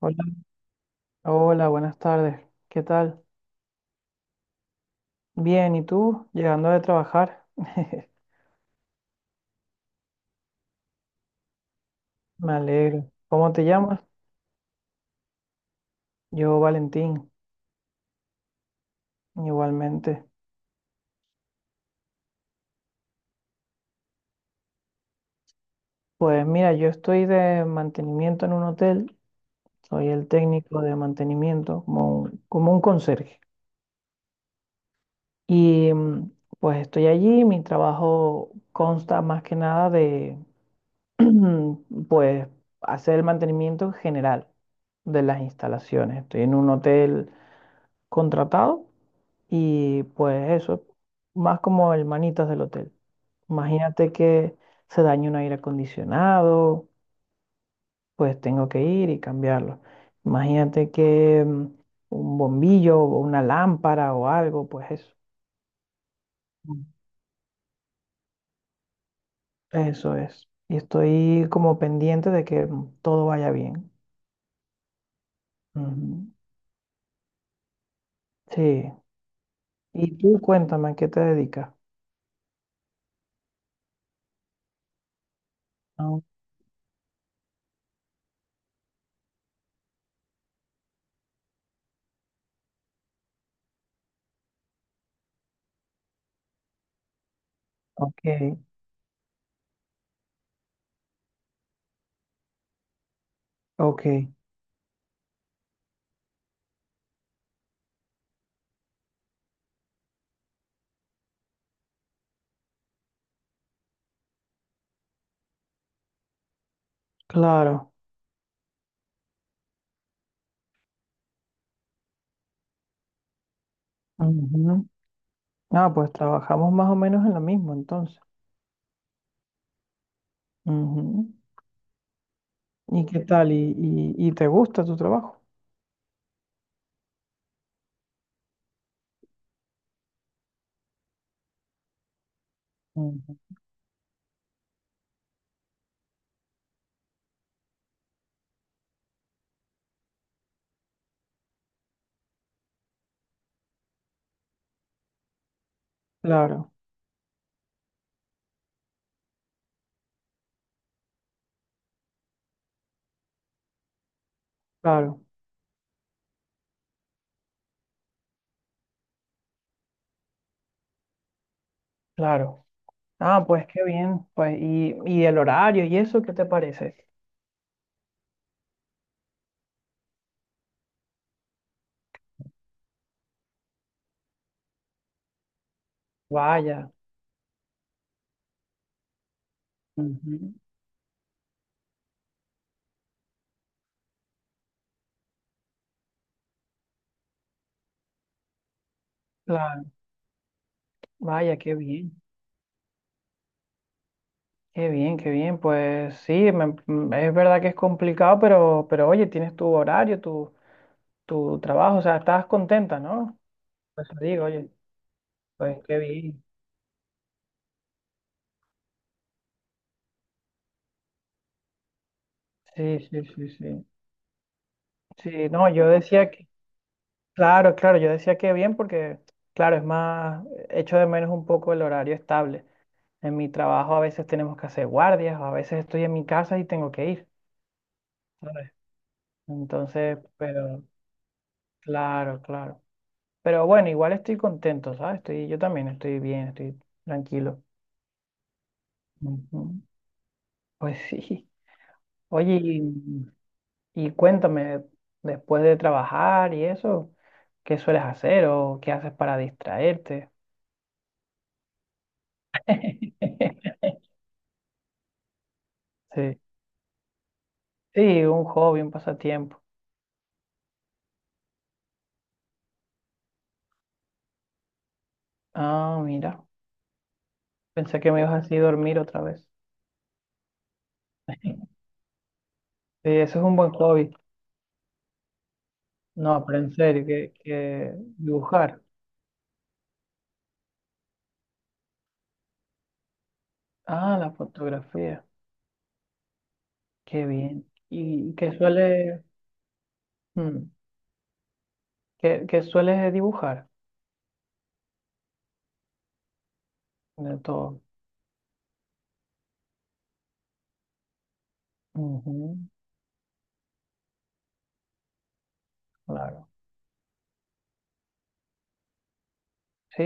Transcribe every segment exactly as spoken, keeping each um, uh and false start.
Hola, hola, buenas tardes. ¿Qué tal? Bien, ¿y tú? Llegando de trabajar. Me alegro. ¿Cómo te llamas? Yo, Valentín, igualmente. Pues mira, yo estoy de mantenimiento en un hotel. Soy el técnico de mantenimiento, como un, como un conserje. Y mm, pues estoy allí. Mi trabajo consta más que nada de, pues, hacer el mantenimiento en general de las instalaciones. Estoy en un hotel contratado. Y pues eso, más como el manitas del hotel. Imagínate que se dañe un aire acondicionado, pues tengo que ir y cambiarlo. Imagínate que mm, un bombillo o una lámpara o algo, pues eso. Mm. Eso es. Y estoy como pendiente de que mm, todo vaya bien. Ujú. Sí. Y tú cuéntame, ¿a qué te dedicas? Ah, ok, ok, claro. Ujú. Ah, pues trabajamos más o menos en lo mismo entonces. Ujú. ¿Y qué tal? ¿Y, y- y te gusta tu trabajo? Ujú. Claro, claro, claro. Ah, pues qué bien. Pues, y, y el horario y eso, ¿qué te parece? Vaya. Ujú. Claro, vaya, qué bien. Qué bien, qué bien. Pues sí, me- me- es verdad que es complicado, pero, pero oye, tienes tu horario, tu, tu trabajo, o sea, estás contenta, ¿no? Pues te digo, oye, pues qué bien. Sí, sí, sí, sí. Sí, no, yo decía que claro, claro, yo decía que bien porque, claro, es más, echo de menos un poco el horario estable. En mi trabajo a veces tenemos que hacer guardias, o a veces estoy en mi casa y tengo que ir, ¿sabes? Entonces, pero, claro, claro. Pero bueno, igual estoy contento, ¿sabes? Estoy, yo también estoy bien, estoy tranquilo. Ujú. Pues sí. Oye, y, y cuéntame, después de trabajar y eso, ¿qué sueles hacer o qué haces para distraerte? Sí. Sí, un hobby, un pasatiempo. Ah, mira. Pensé que me ibas a decir dormir otra vez. Sí, eso es un buen hobby. No, pero en serio, que, que dibujar. Ah, la fotografía. Qué bien. ¿Y qué suele, mm, qué, qué sueles dibujar? De todo. Ujú, claro. Sí.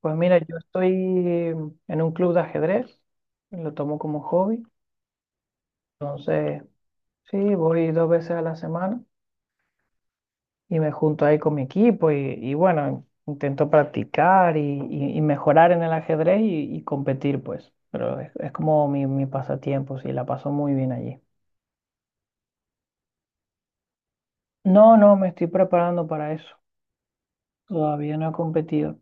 Pues mira, yo estoy en un club de ajedrez. Lo tomo como hobby. Entonces, sí, voy dos veces a la semana, y me junto ahí con mi equipo y, y bueno, intento practicar y, y- y mejorar en el ajedrez y, y competir, pues. Pero es, es como mi, mi pasatiempo, sí, la paso muy bien allí. No, no, me estoy preparando para eso. Todavía no he competido,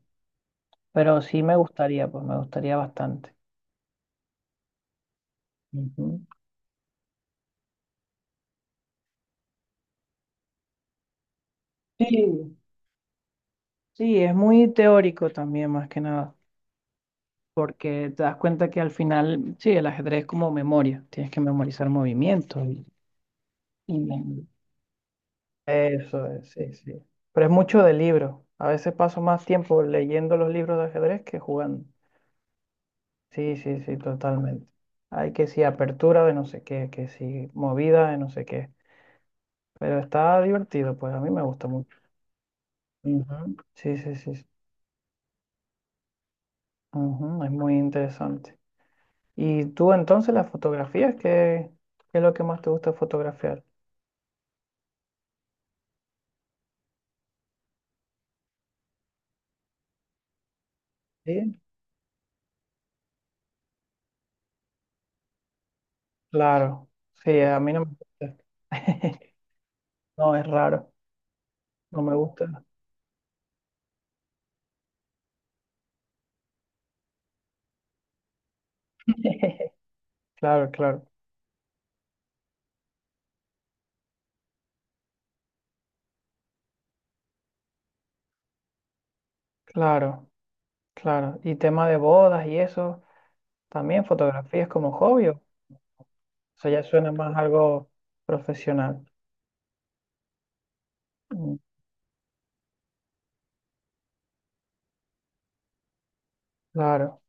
pero sí me gustaría, pues me gustaría bastante. Ujú. Sí, sí, es muy teórico también, más que nada. Porque te das cuenta que al final, sí, el ajedrez es como memoria, tienes que memorizar movimientos y, eso es, sí, sí. Pero es mucho de libro. A veces paso más tiempo leyendo los libros de ajedrez que jugando. Sí, sí, sí, totalmente. Hay que sí, apertura de no sé qué, que sí, movida de no sé qué. Pero está divertido, pues a mí me gusta mucho. Ujú. Sí, sí, sí, sí. Ujú, es muy interesante. ¿Y tú entonces las fotografías? ¿Qué, qué es lo que más te gusta fotografiar? Sí. Claro. Sí, a mí no me gusta. No, es raro. No me gusta. Claro, claro. Claro, claro. Y tema de bodas y eso, también fotografías como hobby. O sea, ya suena más algo profesional. Mm, claro,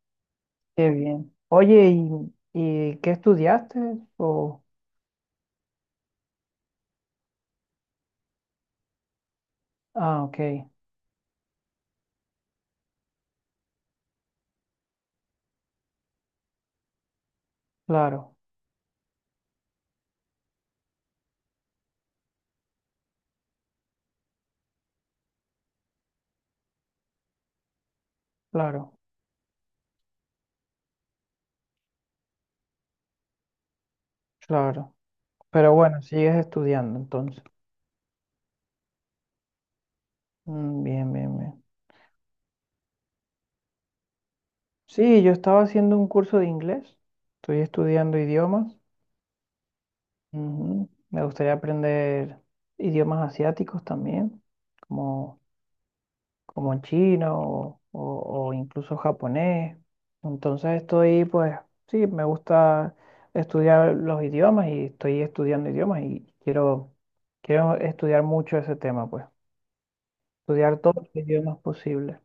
qué bien. Oye, ¿y, y qué estudiaste? O... Ah, ok, claro, claro, claro. Pero bueno, sigues estudiando entonces. Mm, bien, bien, bien. Sí, yo estaba haciendo un curso de inglés. Estoy estudiando idiomas. Ujú. Me gustaría aprender idiomas asiáticos también, como... como chino o, o- o incluso japonés. Entonces estoy, pues, sí, me gusta estudiar los idiomas y estoy estudiando idiomas y quiero, quiero estudiar mucho ese tema, pues, estudiar todos los idiomas posibles.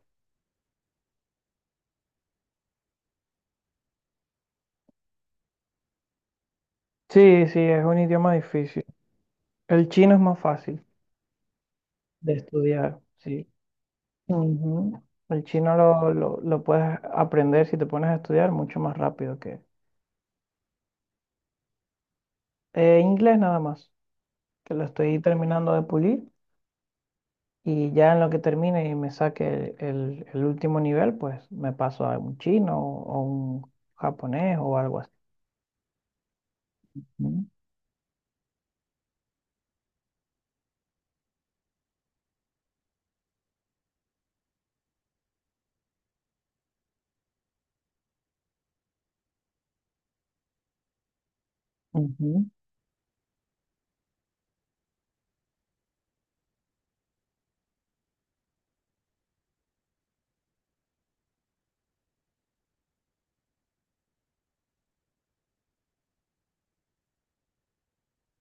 Sí, sí, es un idioma difícil. El chino es más fácil de estudiar, sí. Ujú. El chino lo, lo, lo puedes aprender si te pones a estudiar mucho más rápido que eh, inglés nada más, que lo estoy terminando de pulir. Y ya en lo que termine y me saque el, el último nivel, pues me paso a un chino o un japonés o algo así. Mm. Ujú.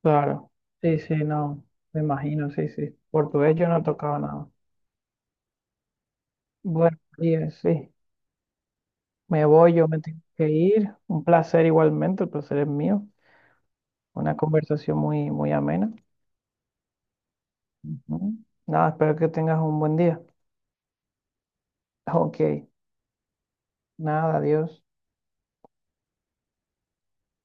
Claro, sí, sí, no, me imagino, sí, sí. Portugués yo no tocaba nada. Bueno, María, sí, me voy, yo me tengo que ir. Un placer igualmente, el placer es mío. Una conversación muy, muy amena. Ujú. Nada, espero que tengas un buen día. Ok, nada, adiós.